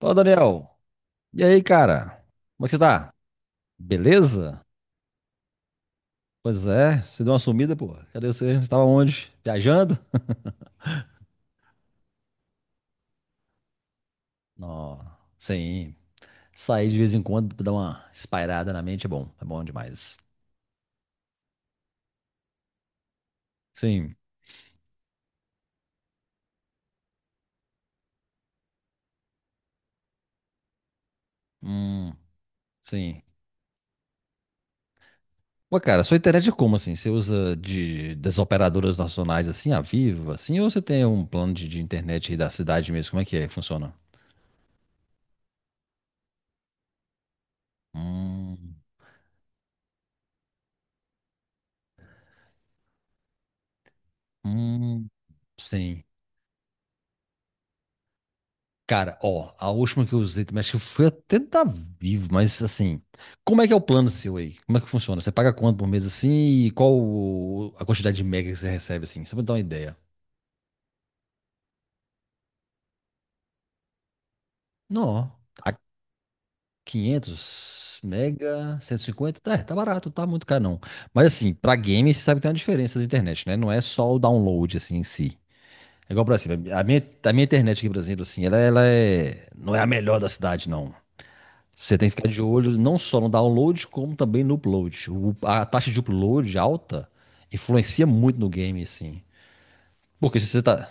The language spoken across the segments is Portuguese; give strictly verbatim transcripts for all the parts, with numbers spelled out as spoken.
Fala, Daniel. E aí, cara? Como é que você tá? Beleza? Pois é, você deu uma sumida, pô. Cadê você? Você tava onde? Viajando? Não, sim. Sair de vez em quando pra dar uma espairada na mente é bom. É bom demais. Sim. Hum, sim. Pô, cara, sua internet é como assim? Você usa de, das operadoras nacionais assim, a Vivo, assim? Ou você tem um plano de, de internet aí da cidade mesmo? Como é que é que funciona? Hum, hum, sim. Cara, ó, a última que eu usei também, acho que foi até da Vivo, mas assim, como é que é o plano seu aí? Como é que funciona? Você paga quanto por mês assim e qual o- a quantidade de mega que você recebe assim? Só pra dar uma ideia. Não, ó, a quinhentos mega, cento e cinquenta, tá, é, tá barato, tá muito caro não. Mas assim, pra game você sabe que tem uma diferença da internet, né? Não é só o download assim em si. É igual pra cima, a minha, a minha internet aqui, por exemplo, assim, ela, ela é, não é a melhor da cidade não. Você tem que ficar de olho não só no download, como também no upload. O- a taxa de upload alta influencia muito no game, assim. Porque se você tá.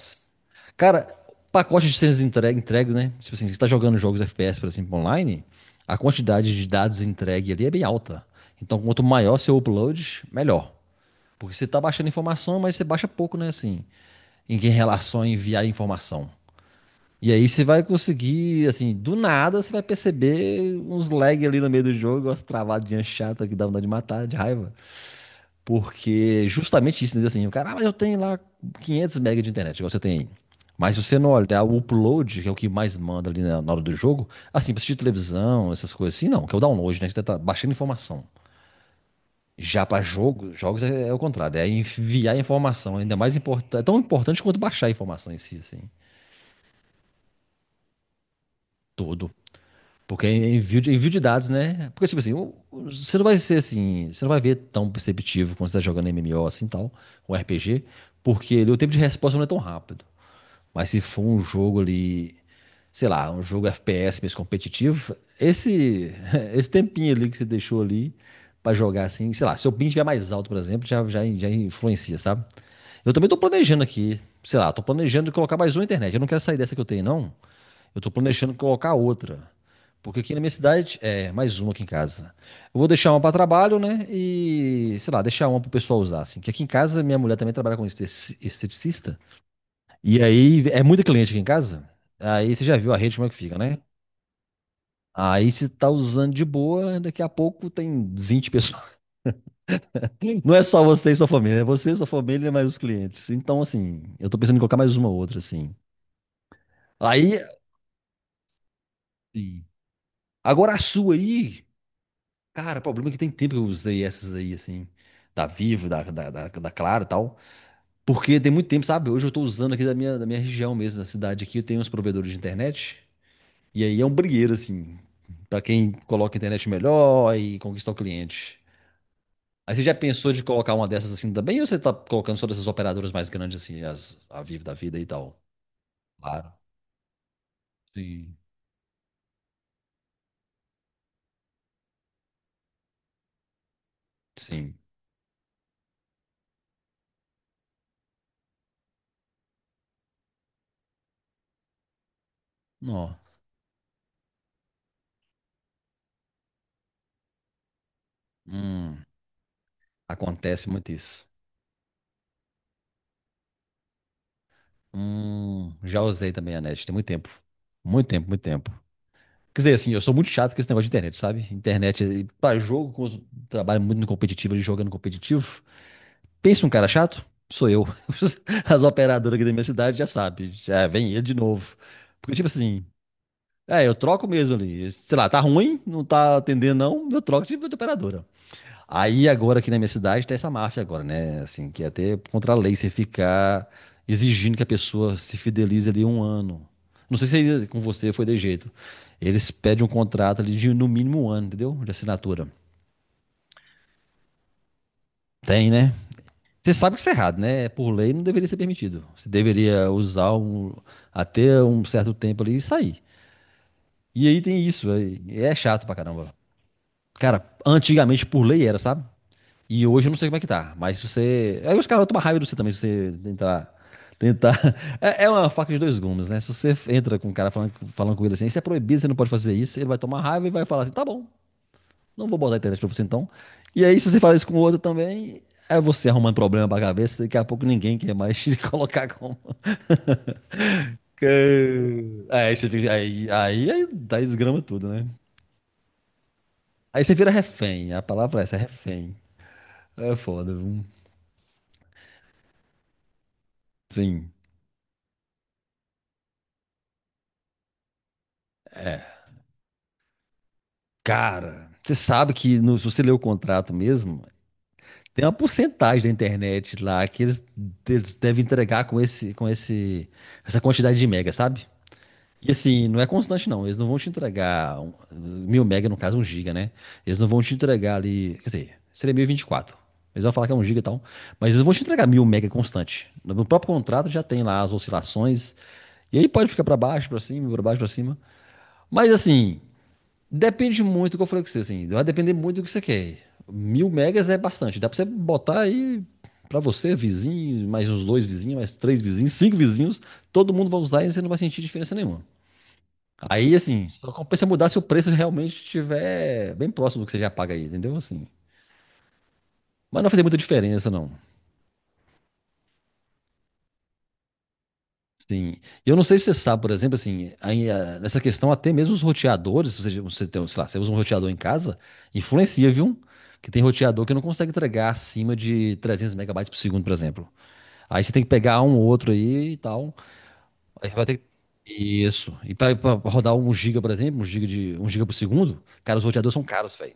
Cara, pacote de cenas entregue, entregues, né? Tipo assim, se você tá jogando jogos F P S, por exemplo, online, a quantidade de dados entregue ali é bem alta. Então, quanto maior seu upload, melhor. Porque você tá baixando informação, mas você baixa pouco, né? Assim, em em relação a enviar informação. E aí você vai conseguir, assim, do nada você vai perceber uns lag ali no meio do jogo, umas travadinhas chatas que dá vontade de matar, de raiva. Porque justamente isso, né? Assim, o cara, ah, mas eu tenho lá quinhentos mega de internet, igual você tem aí. Mas se você não olhar o upload, que é o que mais manda ali na na hora do jogo, assim, pra assistir televisão, essas coisas assim, não, que é o download, né? Que você tá baixando informação. Já pra jogo, jogos é, é o contrário, é enviar informação, ainda mais importante, é tão importante quanto baixar a informação em si, assim, tudo. Porque é envio de, envio de dados, né? Porque, tipo assim, o- o- você não vai ser assim, você não vai ver tão perceptivo quando você tá jogando M M O assim tal, ou R P G, porque ali o tempo de resposta não é tão rápido. Mas se for um jogo ali, sei lá, um jogo F P S mesmo competitivo, esse, esse tempinho ali que você deixou ali pra jogar assim, sei lá, se o ping estiver mais alto, por exemplo, já, já, já influencia, sabe? Eu também tô planejando aqui, sei lá, tô planejando de colocar mais uma internet. Eu não quero sair dessa que eu tenho, não. Eu tô planejando colocar outra. Porque aqui na minha cidade, é, mais uma aqui em casa. Eu vou deixar uma para trabalho, né? E, sei lá, deixar uma pro pessoal usar, assim. Que aqui em casa, minha mulher também trabalha com estetici- esteticista. E aí, é muita cliente aqui em casa. Aí você já viu a rede como é que fica, né? Aí você tá usando de boa, daqui a pouco tem vinte pessoas. Não é só você e sua família, é você, sua família, mais os clientes. Então, assim, eu tô pensando em colocar mais uma outra, assim. Aí, sim, agora a sua aí. Cara, o problema é que tem tempo que eu usei essas aí, assim, da Vivo, da, da, da, da Claro e tal. Porque tem muito tempo, sabe? Hoje eu tô usando aqui da minha, da minha região mesmo, da cidade aqui, eu tenho uns provedores de internet. E aí é um brigueiro, assim, pra quem coloca a internet melhor e conquistar o cliente. Aí você já pensou de colocar uma dessas assim também, ou você tá colocando só dessas operadoras mais grandes, assim, as, a Vivo da vida e tal? Claro. Sim. Sim. Não. Hum, acontece muito isso. Hum, já usei também a net, tem muito tempo. Muito tempo, muito tempo. Quer dizer, assim, eu sou muito chato com esse negócio de internet, sabe? Internet, eh, pra jogo, como eu trabalho muito no competitivo, ali jogando competitivo. Pensa um cara chato? Sou eu. As operadoras aqui da minha cidade já sabem, já vem ele de novo. Porque, tipo assim, é, eu troco mesmo ali. Sei lá, tá ruim, não tá atendendo não, eu troco de de operadora. Aí agora aqui na minha cidade tá essa máfia agora, né? Assim, que é até contra a lei você ficar exigindo que a pessoa se fidelize ali um ano. Não sei se aí com você foi de jeito. Eles pedem um contrato ali de no mínimo um ano, entendeu? De assinatura. Tem, né? Você sabe que isso é errado, né? Por lei não deveria ser permitido. Você deveria usar um- até um certo tempo ali e sair. E aí tem isso, aí é chato pra caramba. Cara, antigamente por lei era, sabe? E hoje eu não sei como é que tá, mas se você. Aí os caras tomam raiva de você também, se você tentar. Tentar. É é uma faca de dois gumes, né? Se você entra com um cara falando, falando com ele assim, isso é proibido, você não pode fazer isso, ele vai tomar raiva e vai falar assim: tá bom, não vou botar a internet pra você então. E aí, se você fala isso com o outro também, é você arrumando problema pra cabeça, daqui a pouco ninguém quer mais te colocar como. Que- Aí você fica. Aí, aí, aí dá desgrama tudo, né? Aí você vira refém, a palavra é essa, é refém. É foda, viu? Sim. Cara, você sabe que no- se você ler o contrato mesmo, tem uma porcentagem da internet lá que eles, eles devem entregar com esse, com esse, essa quantidade de mega, sabe? E assim, não é constante não. Eles não vão te entregar um- mil mega, no caso um giga, né? Eles não vão te entregar ali, quer dizer, seria mil e vinte e quatro. Eles vão falar que é um giga e tal, mas eles não vão te entregar mil mega constante. No próprio contrato já tem lá as oscilações. E aí pode ficar pra baixo, pra cima, pra baixo, pra cima. Mas assim, depende muito do que eu falei com você, assim. Vai depender muito do que você quer. Mil megas é bastante. Dá pra você botar aí pra você, vizinho, mais uns dois vizinhos, mais três vizinhos, cinco vizinhos. Todo mundo vai usar e você não vai sentir diferença nenhuma. Aí, assim, só compensa mudar se o preço realmente estiver bem próximo do que você já paga aí, entendeu? Assim. Mas não vai fazer muita diferença, não. Sim. E eu não sei se você sabe, por exemplo, assim, aí, ah, nessa questão até mesmo os roteadores, se você, você tem, sei lá, você usa um roteador em casa, influencia, viu? Que tem roteador que não consegue entregar acima de trezentos megabytes por segundo, por exemplo. Aí você tem que pegar um ou outro aí e tal. Aí vai ter que... Isso. E pra, pra rodar um giga, por exemplo, um giga de, um giga por segundo, cara, os roteadores são caros, velho.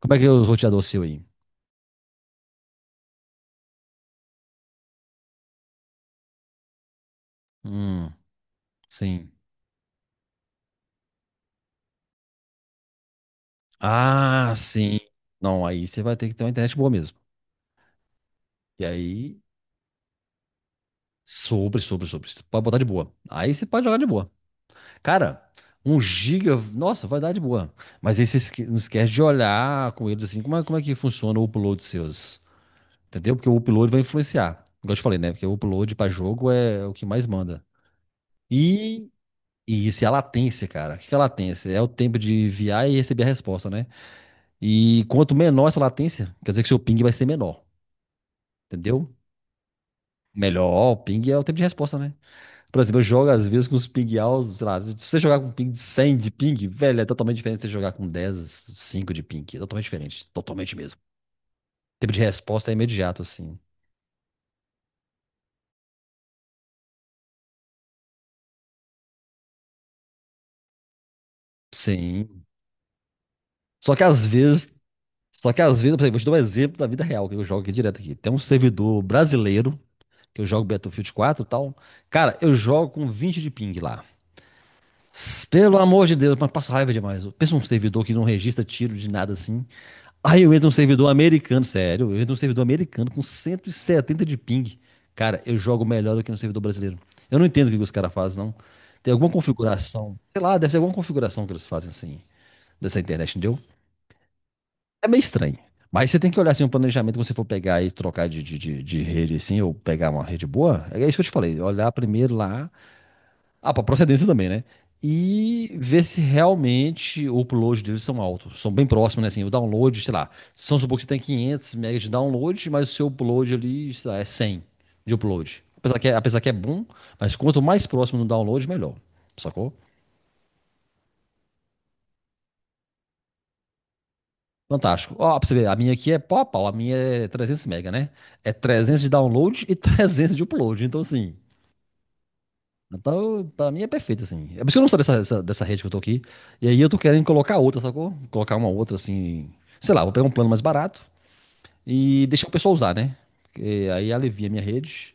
Como é que é o roteador seu aí? Hum, sim. Ah, sim. Não, aí você vai ter que ter uma internet boa mesmo. E aí, Sobre, sobre, sobre. Você pode botar de boa. Aí você pode jogar de boa. Cara, um giga, nossa, vai dar de boa. Mas aí você esque- não esquece de olhar com eles assim, como é, como é que funciona o upload seus. Entendeu? Porque o upload vai influenciar. Igual eu te falei, né? Porque o upload pra jogo é o que mais manda. E, e isso é a latência, cara. O que que é a latência? É o tempo de enviar e receber a resposta, né? E quanto menor essa latência, quer dizer que seu ping vai ser menor. Entendeu? Melhor, o ping é o tempo de resposta, né? Por exemplo, eu jogo às vezes com os ping altos, sei lá, se você jogar com ping de cem de ping, velho, é totalmente diferente de você jogar com dez cinco de ping. É totalmente diferente, totalmente mesmo. O tempo de resposta é imediato, assim. Sim. Só que às vezes, só que às vezes, por exemplo, vou te dar um exemplo da vida real que eu jogo aqui direto aqui. Tem um servidor brasileiro, que eu jogo Battlefield quatro e tal. Cara, eu jogo com vinte de ping lá. S- Pelo amor de Deus, mas passo raiva demais. Pensa um servidor que não registra tiro de nada assim. Aí eu entro num servidor americano, sério, eu entro num servidor americano com cento e setenta de ping. Cara, eu jogo melhor do que no servidor brasileiro. Eu não entendo o que os caras fazem, não. Tem alguma configuração, sei lá, deve ser alguma configuração que eles fazem assim, dessa internet, entendeu? É meio estranho. Mas você tem que olhar assim um planejamento quando você for pegar e trocar de, de, de, de rede assim, ou pegar uma rede boa. É isso que eu te falei, olhar primeiro lá ah, para procedência também, né? E ver se realmente o upload deles são altos, são bem próximos, né? Assim, o download, sei lá, se vamos supor que você tem quinhentos megas de download, mas o seu upload ali, sei lá, é cem de upload. Apesar que, é, apesar que é bom, mas quanto mais próximo do download, melhor, sacou? Fantástico. Ó, pra você ver, a minha aqui é pau a pau, a minha é trezentos megabytes, né? É trezentos de download e trezentos de upload, então assim... Então, pra mim é perfeito, assim. É por isso que eu não saio dessa, dessa, dessa rede que eu tô aqui. E aí eu tô querendo colocar outra, sacou? Colocar uma outra, assim. Sei lá, vou pegar um plano mais barato e deixar o pessoal usar, né? Porque aí alivia a minha rede.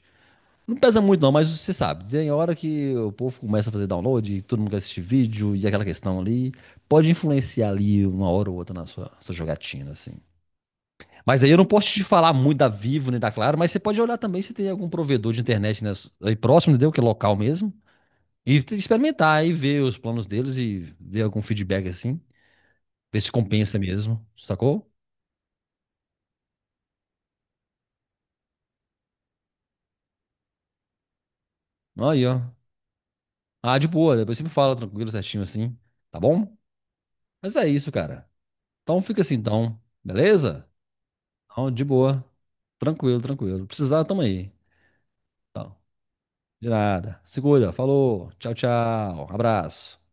Não pesa muito, não, mas você sabe, tem hora que o povo começa a fazer download, e todo mundo quer assistir vídeo e aquela questão ali. Pode influenciar ali uma hora ou outra na sua, sua jogatina, assim. Mas aí eu não posso te falar muito da Vivo nem da Claro, mas você pode olhar também se tem algum provedor de internet né, aí próximo, entendeu? Que é local mesmo. E experimentar e ver os planos deles e ver algum feedback assim. Ver se compensa mesmo, sacou? Aí, ó. Ah, de boa, depois sempre me fala tranquilo, certinho assim, tá bom? Mas é isso, cara. Então fica assim, então, beleza? Então, de boa. Tranquilo, tranquilo. Precisar, tamo aí. Então, de nada. Se cuida, falou. Tchau, tchau. Abraço.